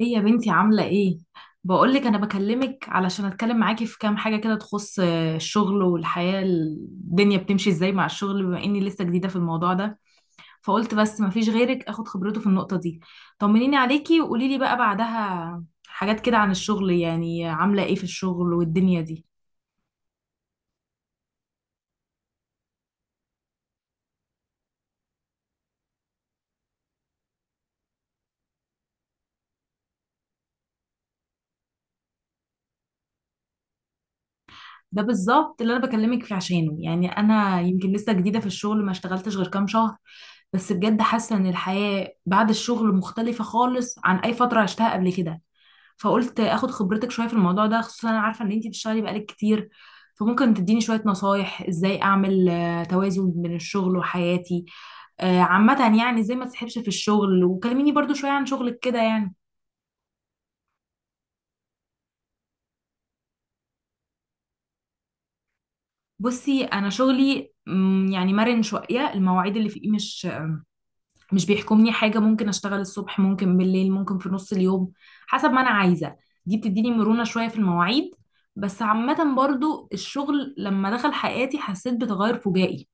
ايه يا بنتي عاملة ايه؟ بقولك انا بكلمك علشان اتكلم معاكي في كام حاجة كده تخص الشغل والحياة. الدنيا بتمشي ازاي مع الشغل بما اني لسه جديدة في الموضوع ده. فقلت بس مفيش غيرك اخد خبرته في النقطة دي. طمنيني عليكي وقولي لي بقى بعدها حاجات كده عن الشغل، يعني عاملة ايه في الشغل والدنيا دي. ده بالظبط اللي انا بكلمك فيه عشانه، يعني انا يمكن لسه جديدة في الشغل، ما اشتغلتش غير كام شهر، بس بجد حاسة ان الحياة بعد الشغل مختلفة خالص عن اي فترة عشتها قبل كده. فقلت اخد خبرتك شويه في الموضوع ده، خصوصا انا عارفه ان انتي بتشتغلي بقالك كتير. فممكن تديني شويه نصايح ازاي اعمل توازن بين الشغل وحياتي. عامة يعني ازاي ما تسحبش في الشغل، وكلميني برضو شوية عن شغلك كده يعني. بصي انا شغلي يعني مرن شوية. المواعيد اللي فيه مش بيحكمني حاجة. ممكن اشتغل الصبح، ممكن بالليل، ممكن في نص اليوم حسب ما انا عايزة. دي بتديني مرونة شوية في المواعيد، بس عامة برضو الشغل لما دخل حياتي حسيت بتغير فجائي.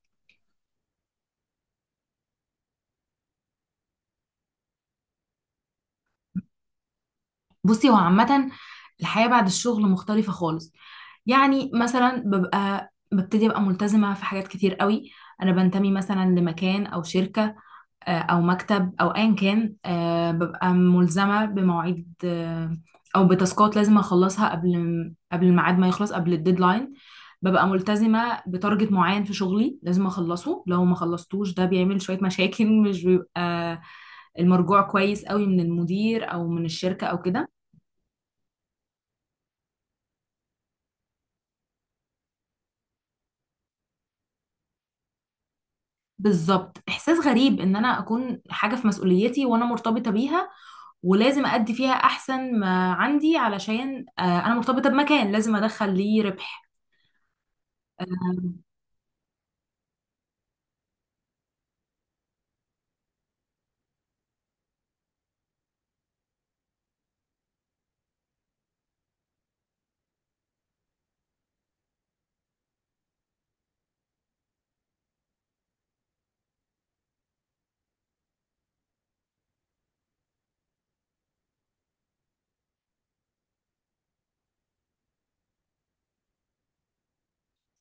بصي، هو عامة الحياة بعد الشغل مختلفة خالص. يعني مثلا ببتدي ابقى ملتزمة في حاجات كتير قوي. انا بنتمي مثلا لمكان او شركة او مكتب او ايا كان، ببقى ملزمة بمواعيد، او بتاسكات لازم اخلصها قبل الميعاد، ما يخلص قبل الديدلاين. ببقى ملتزمة بتارجت معين في شغلي لازم اخلصه، لو ما خلصتوش ده بيعمل شوية مشاكل، مش بيبقى المرجوع كويس قوي من المدير او من الشركة او كده. بالظبط، احساس غريب ان انا اكون حاجه في مسؤوليتي وانا مرتبطه بيها، ولازم ادي فيها احسن ما عندي، علشان انا مرتبطه بمكان لازم ادخل ليه ربح.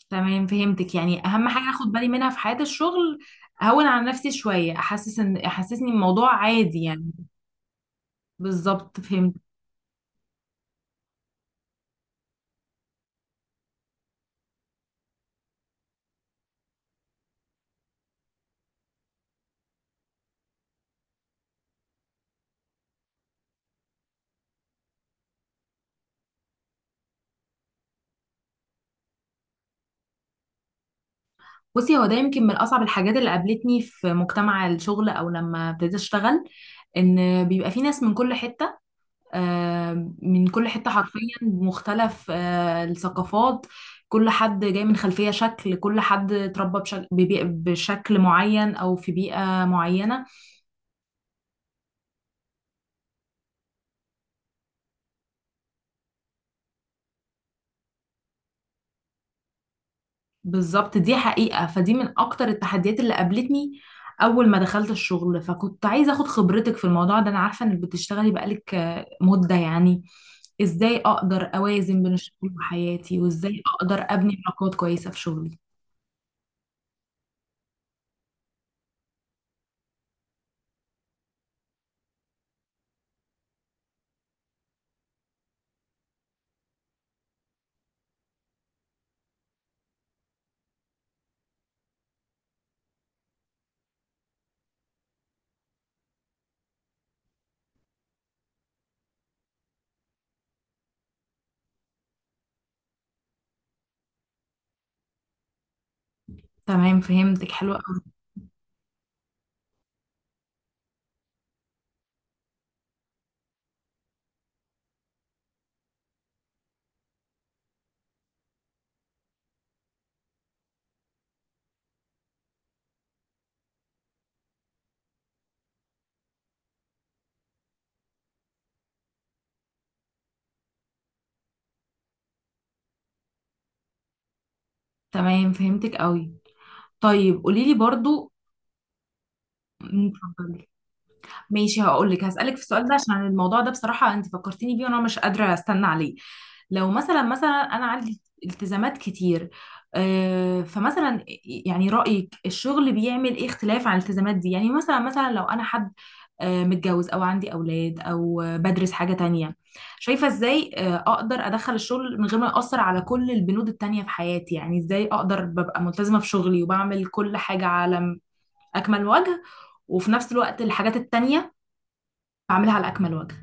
تمام فهمتك. يعني اهم حاجه اخد بالي منها في حياه الشغل، اهون على نفسي شويه، احسسني الموضوع عادي يعني. بالظبط فهمت. بصي هو ده يمكن من اصعب الحاجات اللي قابلتني في مجتمع الشغل او لما ابتديت اشتغل. ان بيبقى في ناس من كل حته، من كل حتة حرفيا مختلف، الثقافات. كل حد جاي من خلفية، شكل كل حد اتربى بشكل معين أو في بيئة معينة. بالظبط، دي حقيقة. فدي من أكتر التحديات اللي قابلتني أول ما دخلت الشغل. فكنت عايزة أخد خبرتك في الموضوع ده، أنا عارفة إنك بتشتغلي بقالك مدة يعني. إزاي أقدر أوازن بين الشغل وحياتي، وإزاي أقدر أبني علاقات كويسة في شغلي. تمام فهمتك، حلوة أوي. تمام فهمتك أوي. طيب قولي لي برضو. مم، اتفضلي. ماشي، هقول لك. هسألك في السؤال ده عشان الموضوع ده بصراحة انت فكرتيني بيه وانا مش قادرة استنى عليه. لو مثلا، انا عندي التزامات كتير. فمثلا يعني رأيك الشغل بيعمل ايه اختلاف عن الالتزامات دي؟ يعني مثلا، لو انا حد متجوز او عندي اولاد او بدرس حاجة تانية، شايفة ازاي اقدر ادخل الشغل من غير ما يأثر على كل البنود التانية في حياتي؟ يعني ازاي اقدر ببقى ملتزمة في شغلي وبعمل كل حاجة على اكمل وجه، وفي نفس الوقت الحاجات التانية بعملها على اكمل وجه؟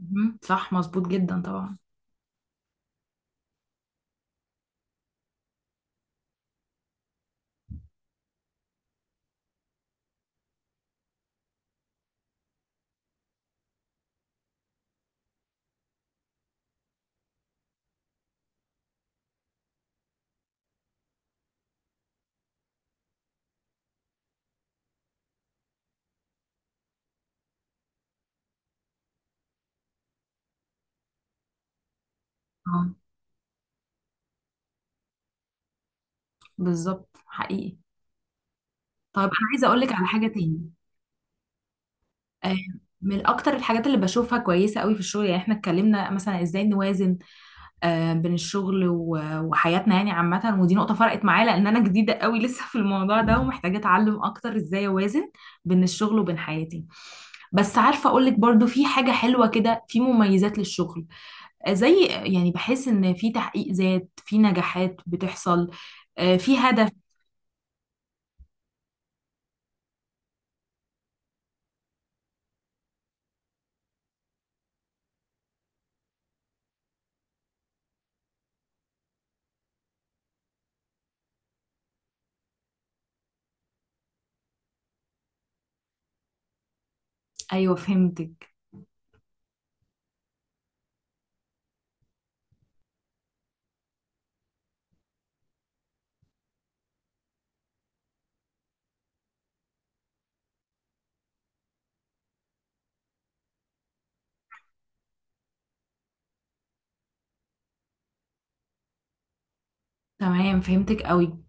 مهم. صح، مظبوط جدا طبعا. اه، بالظبط حقيقي. طيب انا عايزه اقول لك على حاجه تاني. آه، من اكتر الحاجات اللي بشوفها كويسه قوي في الشغل، يعني احنا اتكلمنا مثلا ازاي نوازن بين الشغل وحياتنا، يعني عامه، ودي نقطه فرقت معايا لان انا جديده قوي لسه في الموضوع ده ومحتاجه اتعلم اكتر ازاي اوازن بين الشغل وبين حياتي. بس عارفه، اقول لك برضو في حاجه حلوه كده، في مميزات للشغل. زي يعني بحس ان في تحقيق ذات، في نجاحات بتحصل، في هدف. ايوه فهمتك. تمام فهمتك قوي.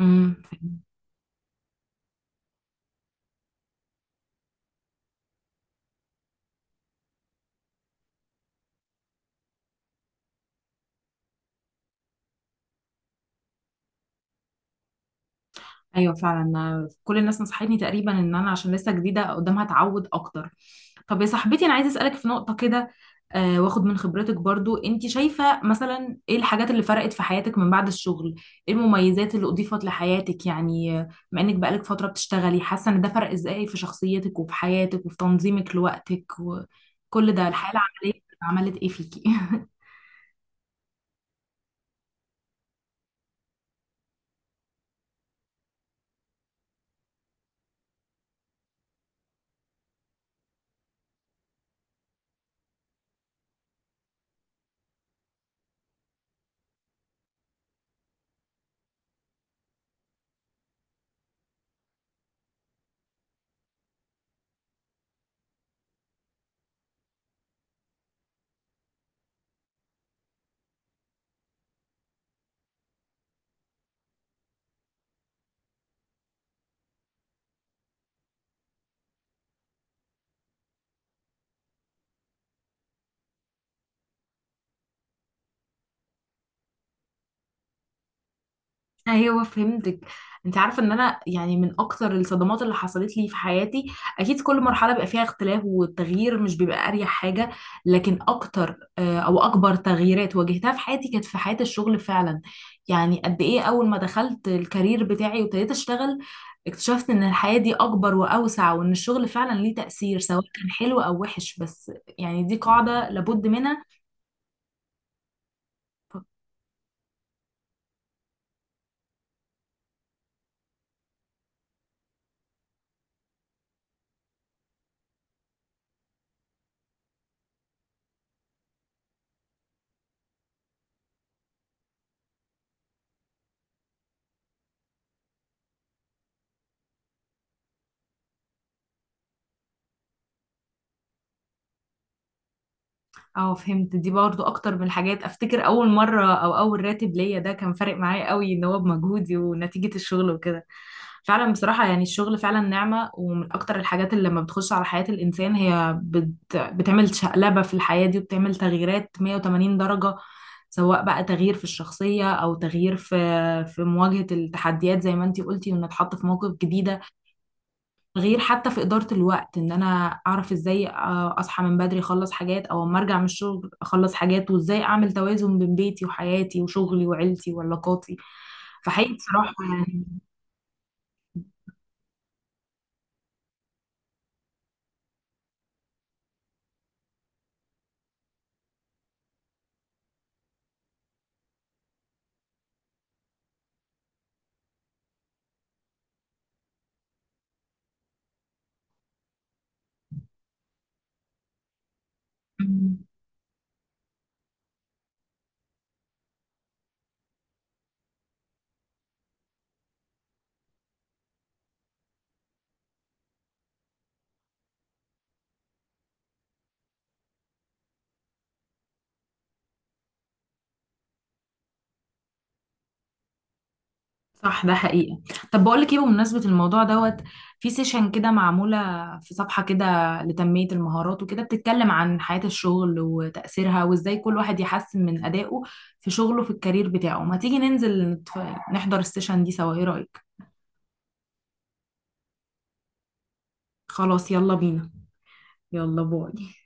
امم ايوه فعلا. أنا كل الناس نصحتني تقريبا ان انا عشان لسه جديده قدامها اتعود اكتر. طب يا صاحبتي انا عايزه اسالك في نقطه كده، واخد من خبرتك برضو. انت شايفه مثلا ايه الحاجات اللي فرقت في حياتك من بعد الشغل؟ ايه المميزات اللي اضيفت لحياتك يعني، بما انك بقالك فتره بتشتغلي، حاسه ان ده فرق ازاي في شخصيتك وفي حياتك وفي تنظيمك لوقتك، وكل ده الحياه العمليه عملت ايه فيكي؟ ايوه فهمتك. انت عارفه ان انا يعني من اكتر الصدمات اللي حصلت لي في حياتي، اكيد كل مرحله بيبقى فيها اختلاف، والتغيير مش بيبقى اريح حاجه، لكن اكتر، او اكبر تغييرات واجهتها في حياتي كانت في حياه الشغل فعلا. يعني قد ايه اول ما دخلت الكارير بتاعي وابتديت اشتغل، اكتشفت ان الحياه دي اكبر واوسع، وان الشغل فعلا ليه تاثير سواء كان حلو او وحش. بس يعني دي قاعده لابد منها. اه فهمت. دي برضو اكتر من الحاجات. افتكر اول مرة او اول راتب ليا ده كان فارق معايا قوي، ان هو بمجهودي ونتيجة الشغل وكده. فعلا بصراحة، يعني الشغل فعلا نعمة، ومن اكتر الحاجات اللي لما بتخش على حياة الانسان هي بتعمل شقلبة في الحياة دي، وبتعمل تغييرات 180 درجة، سواء بقى تغيير في الشخصية او تغيير في مواجهة التحديات، زي ما انتي قلتي ونتحط في مواقف جديدة. غير حتى في إدارة الوقت، إن أنا أعرف إزاي أصحى من بدري أخلص حاجات، أو أما أرجع من الشغل أخلص حاجات، وإزاي أعمل توازن بين بيتي وحياتي وشغلي وعيلتي وعلاقاتي. فحقيقي بصراحة يعني. مم. صح، ده حقيقة. طب بقول لك إيه، بمناسبة الموضوع دوت، في سيشن كده معمولة، في صفحة كده لتنمية المهارات وكده، بتتكلم عن حياة الشغل وتأثيرها وإزاي كل واحد يحسن من أدائه في شغله في الكارير بتاعه. ما تيجي ننزل نحضر السيشن دي سوا، إيه رأيك؟ خلاص يلا بينا. يلا باي.